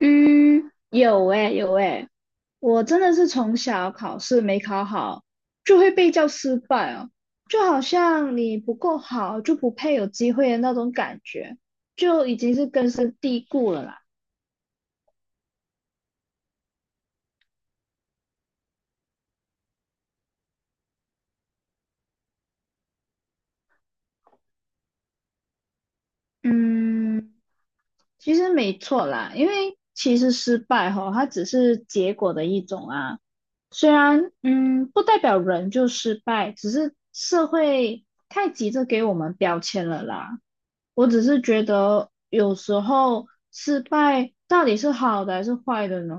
嗯，有诶，有诶，我真的是从小考试没考好，就会被叫失败哦，就好像你不够好就不配有机会的那种感觉，就已经是根深蒂固了啦。嗯，其实没错啦，因为其实失败吼，它只是结果的一种啊，虽然不代表人就失败，只是社会太急着给我们标签了啦。我只是觉得有时候失败到底是好的还是坏的呢？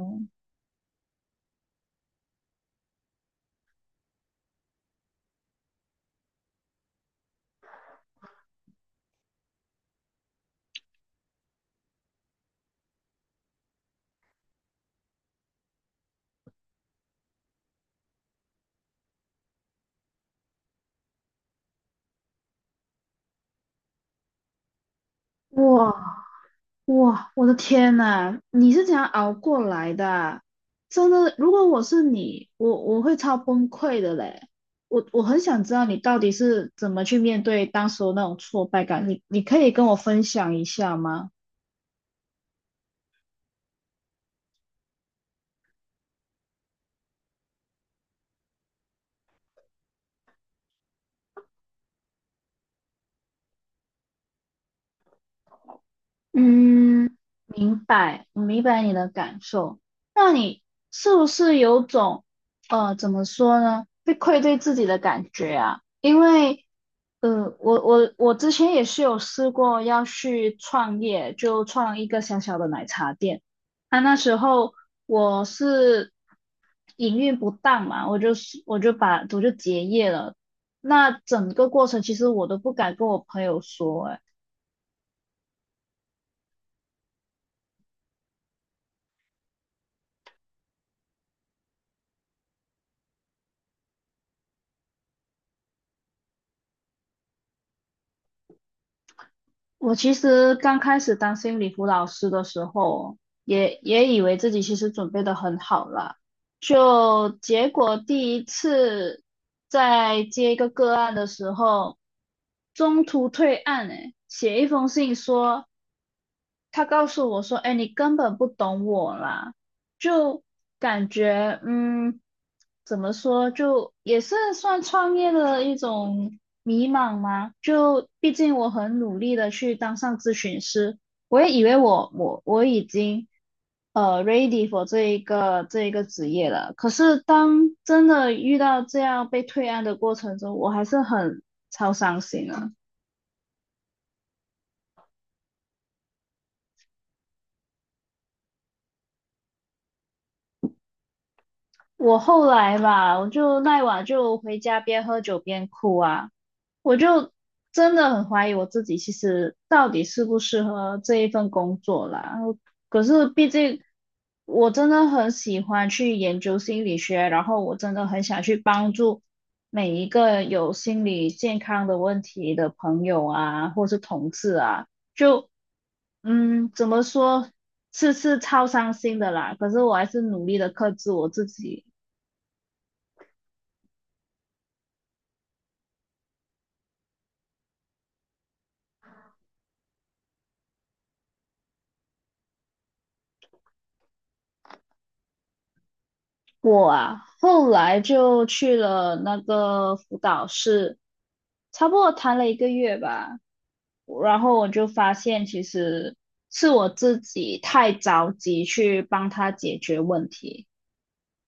哇哇，我的天呐，你是怎样熬过来的啊真的，如果我是你，我会超崩溃的嘞。我很想知道你到底是怎么去面对当时的那种挫败感，你可以跟我分享一下吗？嗯，明白，我明白你的感受。那你是不是有种，怎么说呢，被愧对自己的感觉啊？因为，我之前也是有试过要去创业，就创一个小小的奶茶店。啊，那时候我是营运不当嘛，我就是我就把我就结业了。那整个过程其实我都不敢跟我朋友说，哎我其实刚开始当心理辅导师的时候，也以为自己其实准备的很好了，就结果第一次在接一个个案的时候，中途退案，诶，写一封信说他告诉我说："哎，你根本不懂我啦。"就感觉嗯，怎么说，就也是算创业的一种迷茫吗？就毕竟我很努力的去当上咨询师，我也以为我已经ready for 这一个职业了。可是当真的遇到这样被退案的过程中，我还是很超伤心啊。"我后来吧，我就那晚就回家边喝酒边哭啊，我就真的很怀疑我自己，其实到底适不适合这一份工作啦。可是毕竟我真的很喜欢去研究心理学，然后我真的很想去帮助每一个有心理健康的问题的朋友啊，或是同事啊，就嗯，怎么说？是超伤心的啦，可是我还是努力的克制我自己，我啊，后来就去了那个辅导室，差不多谈了一个月吧。然后我就发现，其实是我自己太着急去帮他解决问题，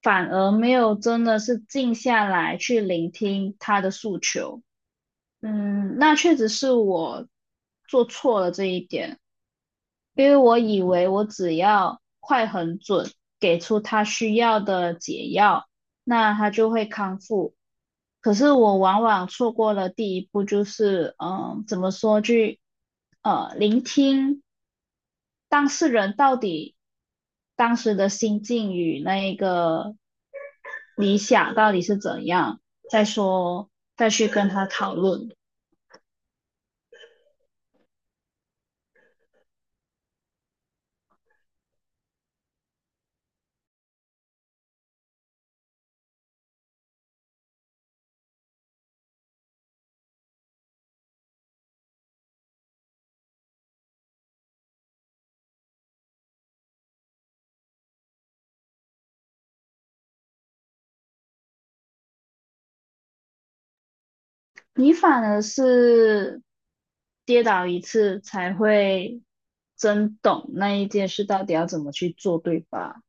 反而没有真的是静下来去聆听他的诉求。嗯，那确实是我做错了这一点，因为我以为我只要快很准，给出他需要的解药，那他就会康复。可是我往往错过了第一步，就是嗯，怎么说去聆听当事人到底当时的心境与那一个理想到底是怎样，再说再去跟他讨论。你反而是跌倒一次才会真懂那一件事到底要怎么去做，对吧？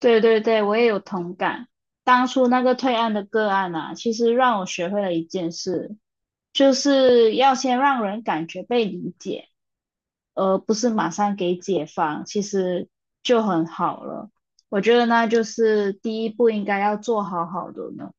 对对对，我也有同感。当初那个退案的个案啊，其实让我学会了一件事，就是要先让人感觉被理解，而不是马上给解放，其实就很好了。我觉得那就是第一步应该要做好好的呢。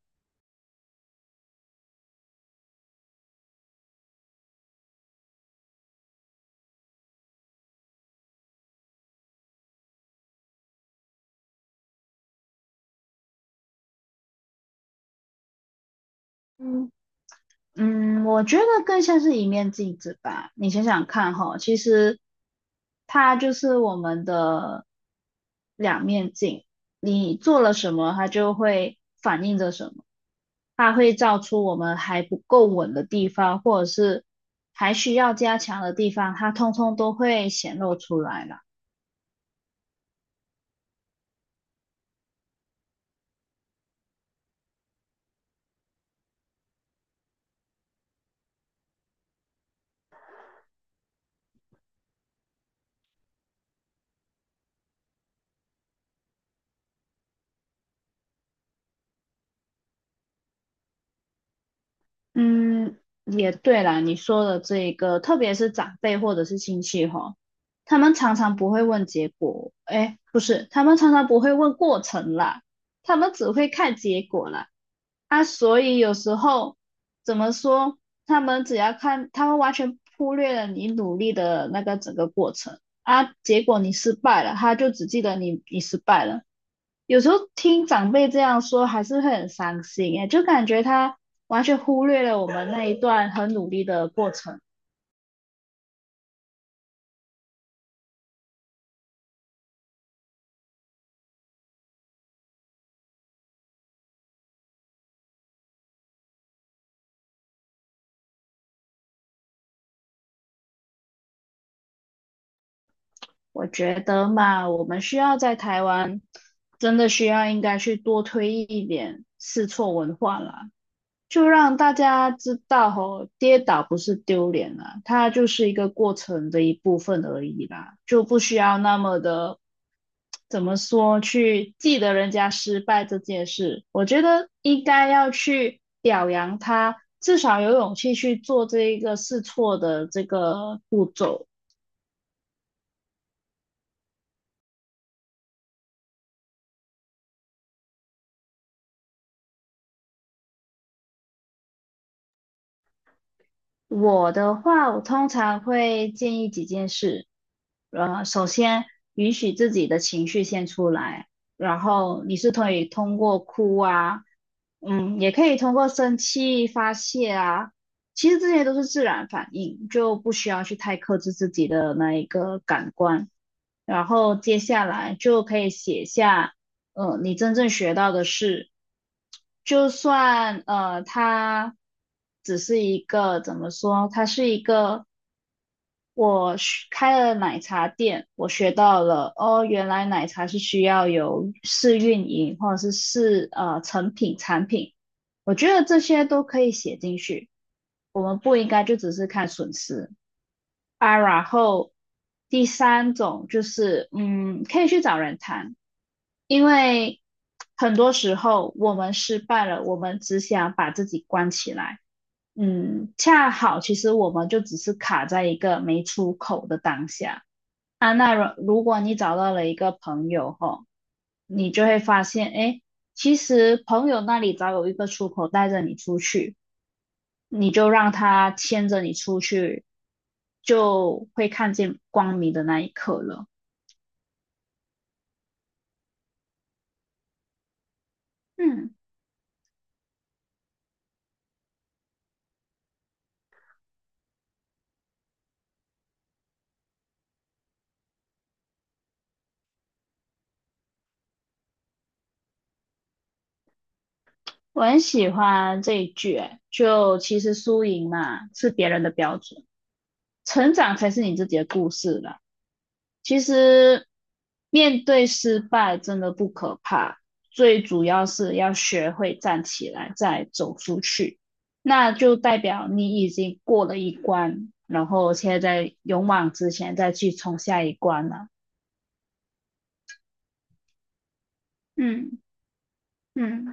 嗯。嗯，我觉得更像是一面镜子吧。你想想看哈，其实它就是我们的两面镜。你做了什么，它就会反映着什么，它会照出我们还不够稳的地方，或还需要加强的地方，它通通都会显露出来啦。嗯，也对啦，你说的这一个，特别是长辈或者是亲戚哈，他们常常不会问结果，哎，不是，他们常常不会问过程啦，他们只会看结果啦。啊，所以有时候怎么说，他们只要看，他们完全忽略了你努力的那个整个过程啊，结果你失败了，他就只记得你失败了。有时候听长辈这样说，还是会很伤心诶，就感觉他完全忽略了我们那一段很努力的过程。我觉得嘛，我们需要在台湾真的需要应该去多推一点试错文化啦。就让大家知道吼，跌倒不是丢脸啊，它就是一个过程的一部分而已啦，就不需要那么的，怎么说，去记得人家失败这件事。我觉得应该要去表扬他，至少有勇气去做这一个试错的这个步骤。我的话，我通常会建议几件事。首先允许自己的情绪先出来，然后你是可以通过哭啊，嗯，也可以通过生气发泄啊。其实这些都是自然反应，就不需要去太克制自己的那一个感官。然后接下来就可以写下。嗯，你真正学到的是，就算它只是一个怎么说？它是一个我学开了奶茶店，我学到了哦，原来奶茶是需要有试运营或者是试成品产品，我觉得这些都可以写进去，我们不应该就只是看损失。啊，然后第三种就是，嗯，可以去找人谈，因为很多时候我们失败了，我们只想把自己关起来，嗯，恰好其实我们就只是卡在一个没出口的当下啊。那如果你找到了一个朋友吼，你就会发现，哎，其实朋友那里早有一个出口带着你出去。你就让他牵着你出去，就会看见光明的那一刻了。嗯，我很喜欢这一句，欸就其实输赢嘛是别人的标准，成长才是你自己的故事啦。其实面对失败真的不可怕，最主要是要学会站起来，再走出去。那就代表你已经过了一关，然后现在勇往直前，再去冲下一关了。嗯嗯，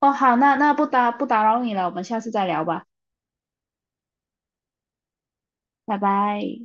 哦，好，那不打扰你了，我们下次再聊吧，拜拜。